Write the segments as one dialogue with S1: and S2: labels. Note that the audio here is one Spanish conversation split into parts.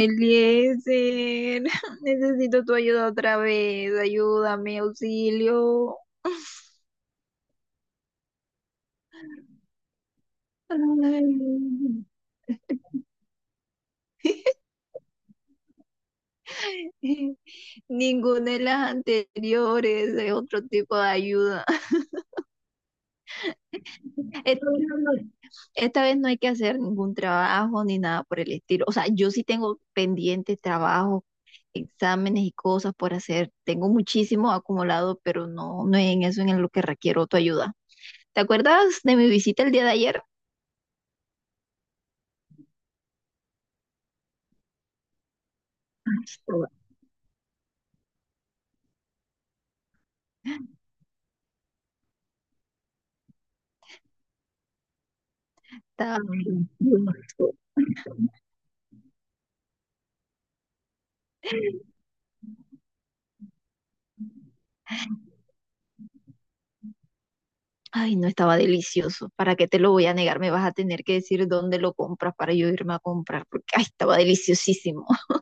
S1: Eliezer, necesito tu ayuda otra vez, ayúdame, auxilio. Ay, ninguna de las anteriores, es otro tipo de ayuda. Esta vez no, no, esta vez no hay que hacer ningún trabajo ni nada por el estilo. O sea, yo sí tengo pendientes trabajos, exámenes y cosas por hacer. Tengo muchísimo acumulado, pero no, no es en eso en lo que requiero tu ayuda. ¿Te acuerdas de mi visita el día de ayer? Estaba delicioso. Ay, no, estaba delicioso. ¿Para qué te lo voy a negar? Me vas a tener que decir dónde lo compras para yo irme a comprar, porque ay, estaba deliciosísimo.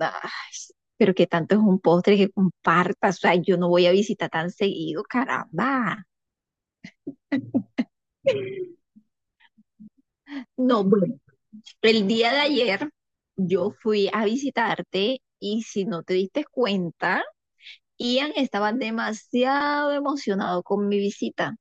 S1: Ay, pero que tanto es un postre que compartas. O sea, yo no voy a visitar tan seguido, caramba. No, bueno, el día de ayer yo fui a visitarte y si no te diste cuenta, Ian estaba demasiado emocionado con mi visita.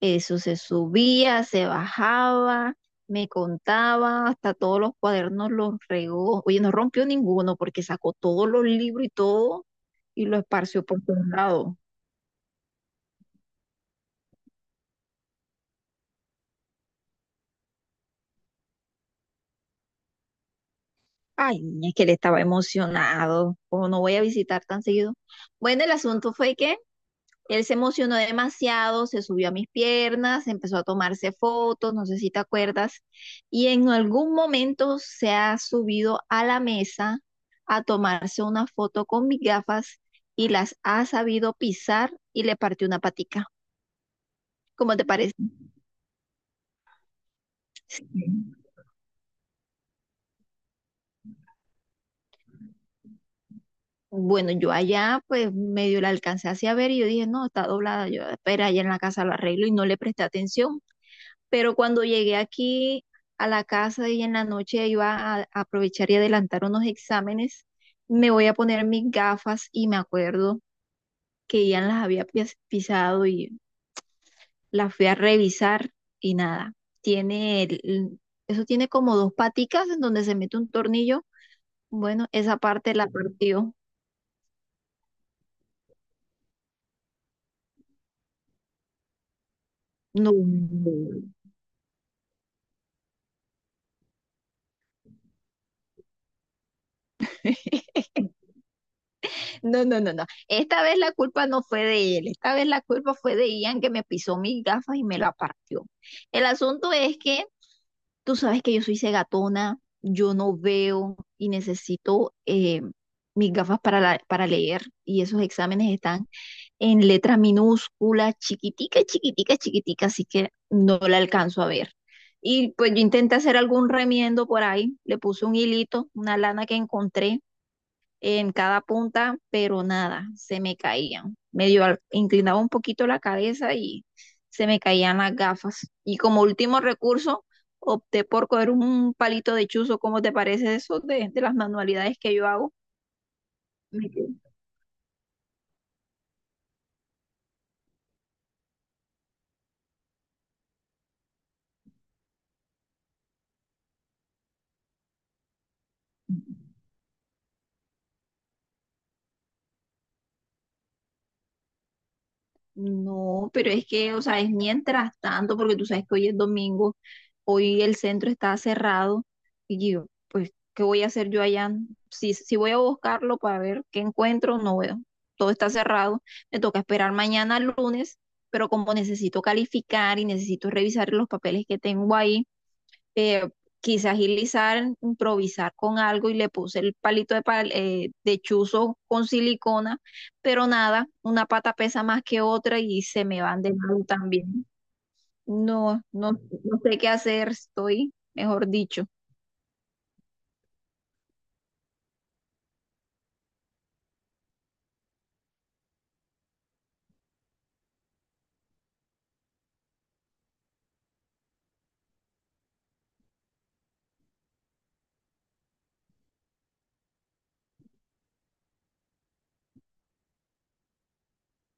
S1: Eso se subía, se bajaba, me contaba, hasta todos los cuadernos los regó. Oye, no rompió ninguno, porque sacó todos los libros y todo y lo esparció por todos lados. Ay, es que él estaba emocionado. ¿Cómo no voy a visitar tan seguido? Bueno, el asunto fue que él se emocionó demasiado, se subió a mis piernas, empezó a tomarse fotos, no sé si te acuerdas, y en algún momento se ha subido a la mesa a tomarse una foto con mis gafas y las ha sabido pisar y le partió una patica. ¿Cómo te parece? Bueno, yo allá pues medio la alcancé hacia ver y yo dije, no, está doblada, yo espera, allá en la casa lo arreglo, y no le presté atención. Pero cuando llegué aquí a la casa y en la noche iba a, aprovechar y adelantar unos exámenes, me voy a poner mis gafas y me acuerdo que ya las había pisado y las fui a revisar y nada, tiene el- eso tiene como dos paticas en donde se mete un tornillo. Bueno, esa parte la partió. No. No, no, no, no. Esta vez la culpa no fue de él. Esta vez la culpa fue de Ian, que me pisó mis gafas y me la partió. El asunto es que tú sabes que yo soy cegatona, yo no veo y necesito mis gafas para, para leer. Y esos exámenes están en letra minúscula, chiquitica, chiquitica, chiquitica, así que no la alcanzo a ver. Y pues yo intenté hacer algún remiendo por ahí, le puse un hilito, una lana que encontré en cada punta, pero nada, se me caían. Medio inclinaba un poquito la cabeza y se me caían las gafas. Y como último recurso, opté por coger un palito de chuzo. ¿Cómo te parece eso de las manualidades que yo hago? Me quedé. No, pero es que, o sea, es mientras tanto, porque tú sabes que hoy es domingo. Hoy el centro está cerrado y yo, pues, ¿qué voy a hacer yo allá? Si, si voy a buscarlo para ver qué encuentro, no veo. Todo está cerrado. Me toca esperar mañana lunes, pero como necesito calificar y necesito revisar los papeles que tengo ahí, eh, quise agilizar, improvisar con algo y le puse el palito de, de chuzo con silicona, pero nada, una pata pesa más que otra y se me van de lado también. No, no, no sé qué hacer, estoy, mejor dicho.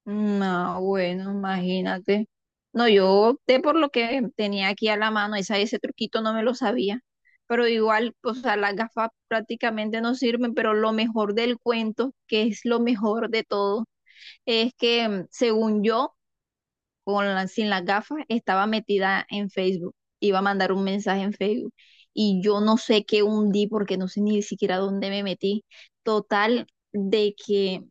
S1: No, bueno, imagínate. No, yo opté por lo que tenía aquí a la mano, esa, ese truquito no me lo sabía. Pero igual, o sea, las gafas prácticamente no sirven, pero lo mejor del cuento, que es lo mejor de todo, es que según yo, con sin las gafas, estaba metida en Facebook, iba a mandar un mensaje en Facebook y yo no sé qué hundí, porque no sé ni siquiera dónde me metí. Total, de que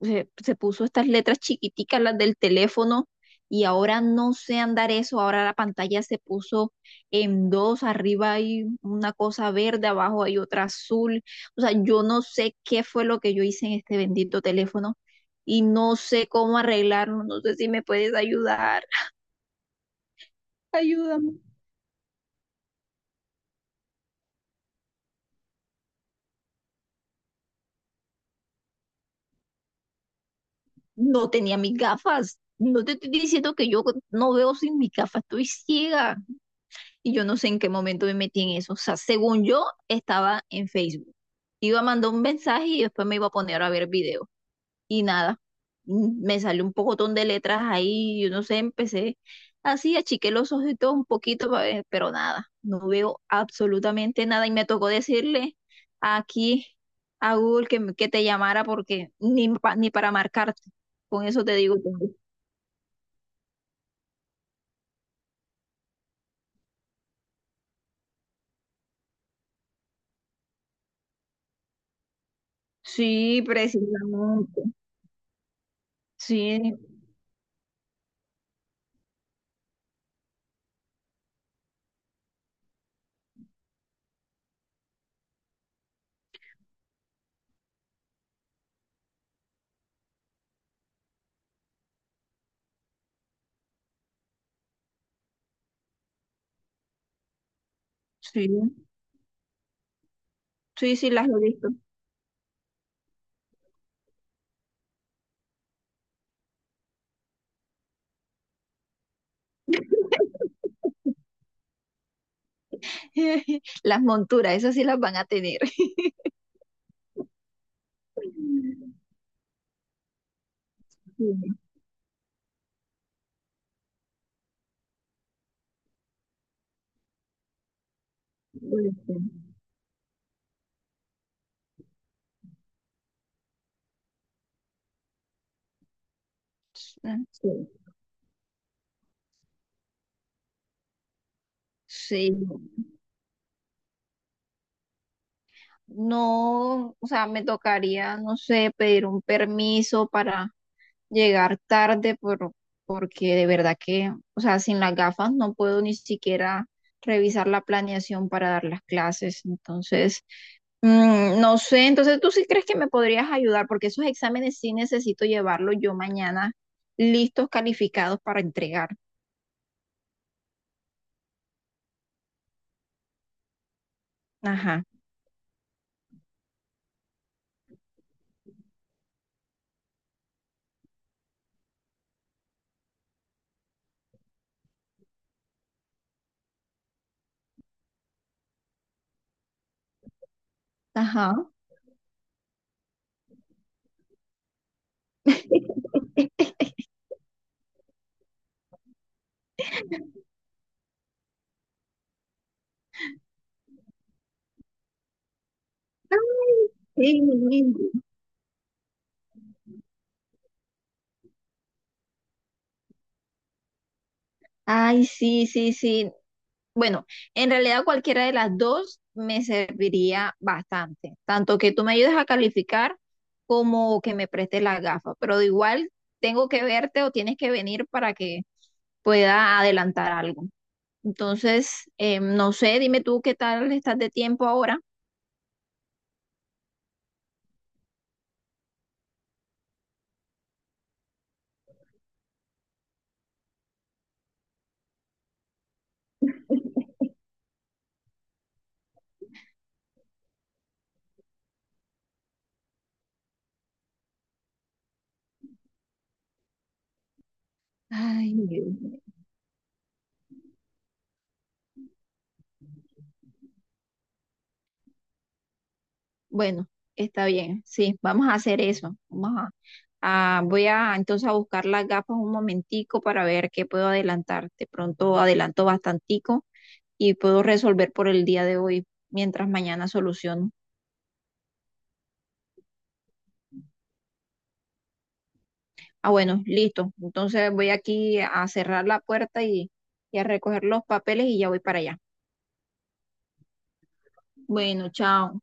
S1: se puso estas letras chiquiticas, las del teléfono, y ahora no sé andar eso, ahora la pantalla se puso en dos, arriba hay una cosa verde, abajo hay otra azul. O sea, yo no sé qué fue lo que yo hice en este bendito teléfono y no sé cómo arreglarlo, no sé si me puedes ayudar. Ayúdame. No tenía mis gafas. No te estoy diciendo que yo no veo sin mis gafas, estoy ciega. Y yo no sé en qué momento me metí en eso. O sea, según yo, estaba en Facebook. Iba a mandar un mensaje y después me iba a poner a ver videos. Y nada. Me salió un pocotón de letras ahí, yo no sé, empecé así, achiqué los ojos y todo un poquito, pa ver, pero nada, no veo absolutamente nada y me tocó decirle aquí a Google que, que te llamara, porque ni, ni para marcarte, con eso te digo todo. Sí, precisamente, sí, sí, sí, sí, las he visto. Las monturas, esas sí las van a tener. Sí, puede ser. Ah, sí, sí. No, o sea, me tocaría, no sé, pedir un permiso para llegar tarde por, porque de verdad que, o sea, sin las gafas no puedo ni siquiera revisar la planeación para dar las clases. Entonces, no sé, entonces tú sí crees que me podrías ayudar, porque esos exámenes sí necesito llevarlos yo mañana listos, calificados para entregar. Ajá, ajá. Ay, sí, ay, sí, sí, sí. Bueno, en realidad cualquiera de las dos me serviría bastante, tanto que tú me ayudes a calificar como que me prestes las gafas, pero de igual tengo que verte o tienes que venir para que pueda adelantar algo. Entonces, no sé, dime tú qué tal estás de tiempo ahora. Ay, Dios mío. Bueno, está bien, sí, vamos a hacer eso. Vamos a, voy a entonces a buscar las gafas un momentico para ver qué puedo adelantar. De pronto adelanto bastante y puedo resolver por el día de hoy mientras mañana soluciono. Ah, bueno, listo. Entonces voy aquí a cerrar la puerta y a recoger los papeles y ya voy para allá. Bueno, chao.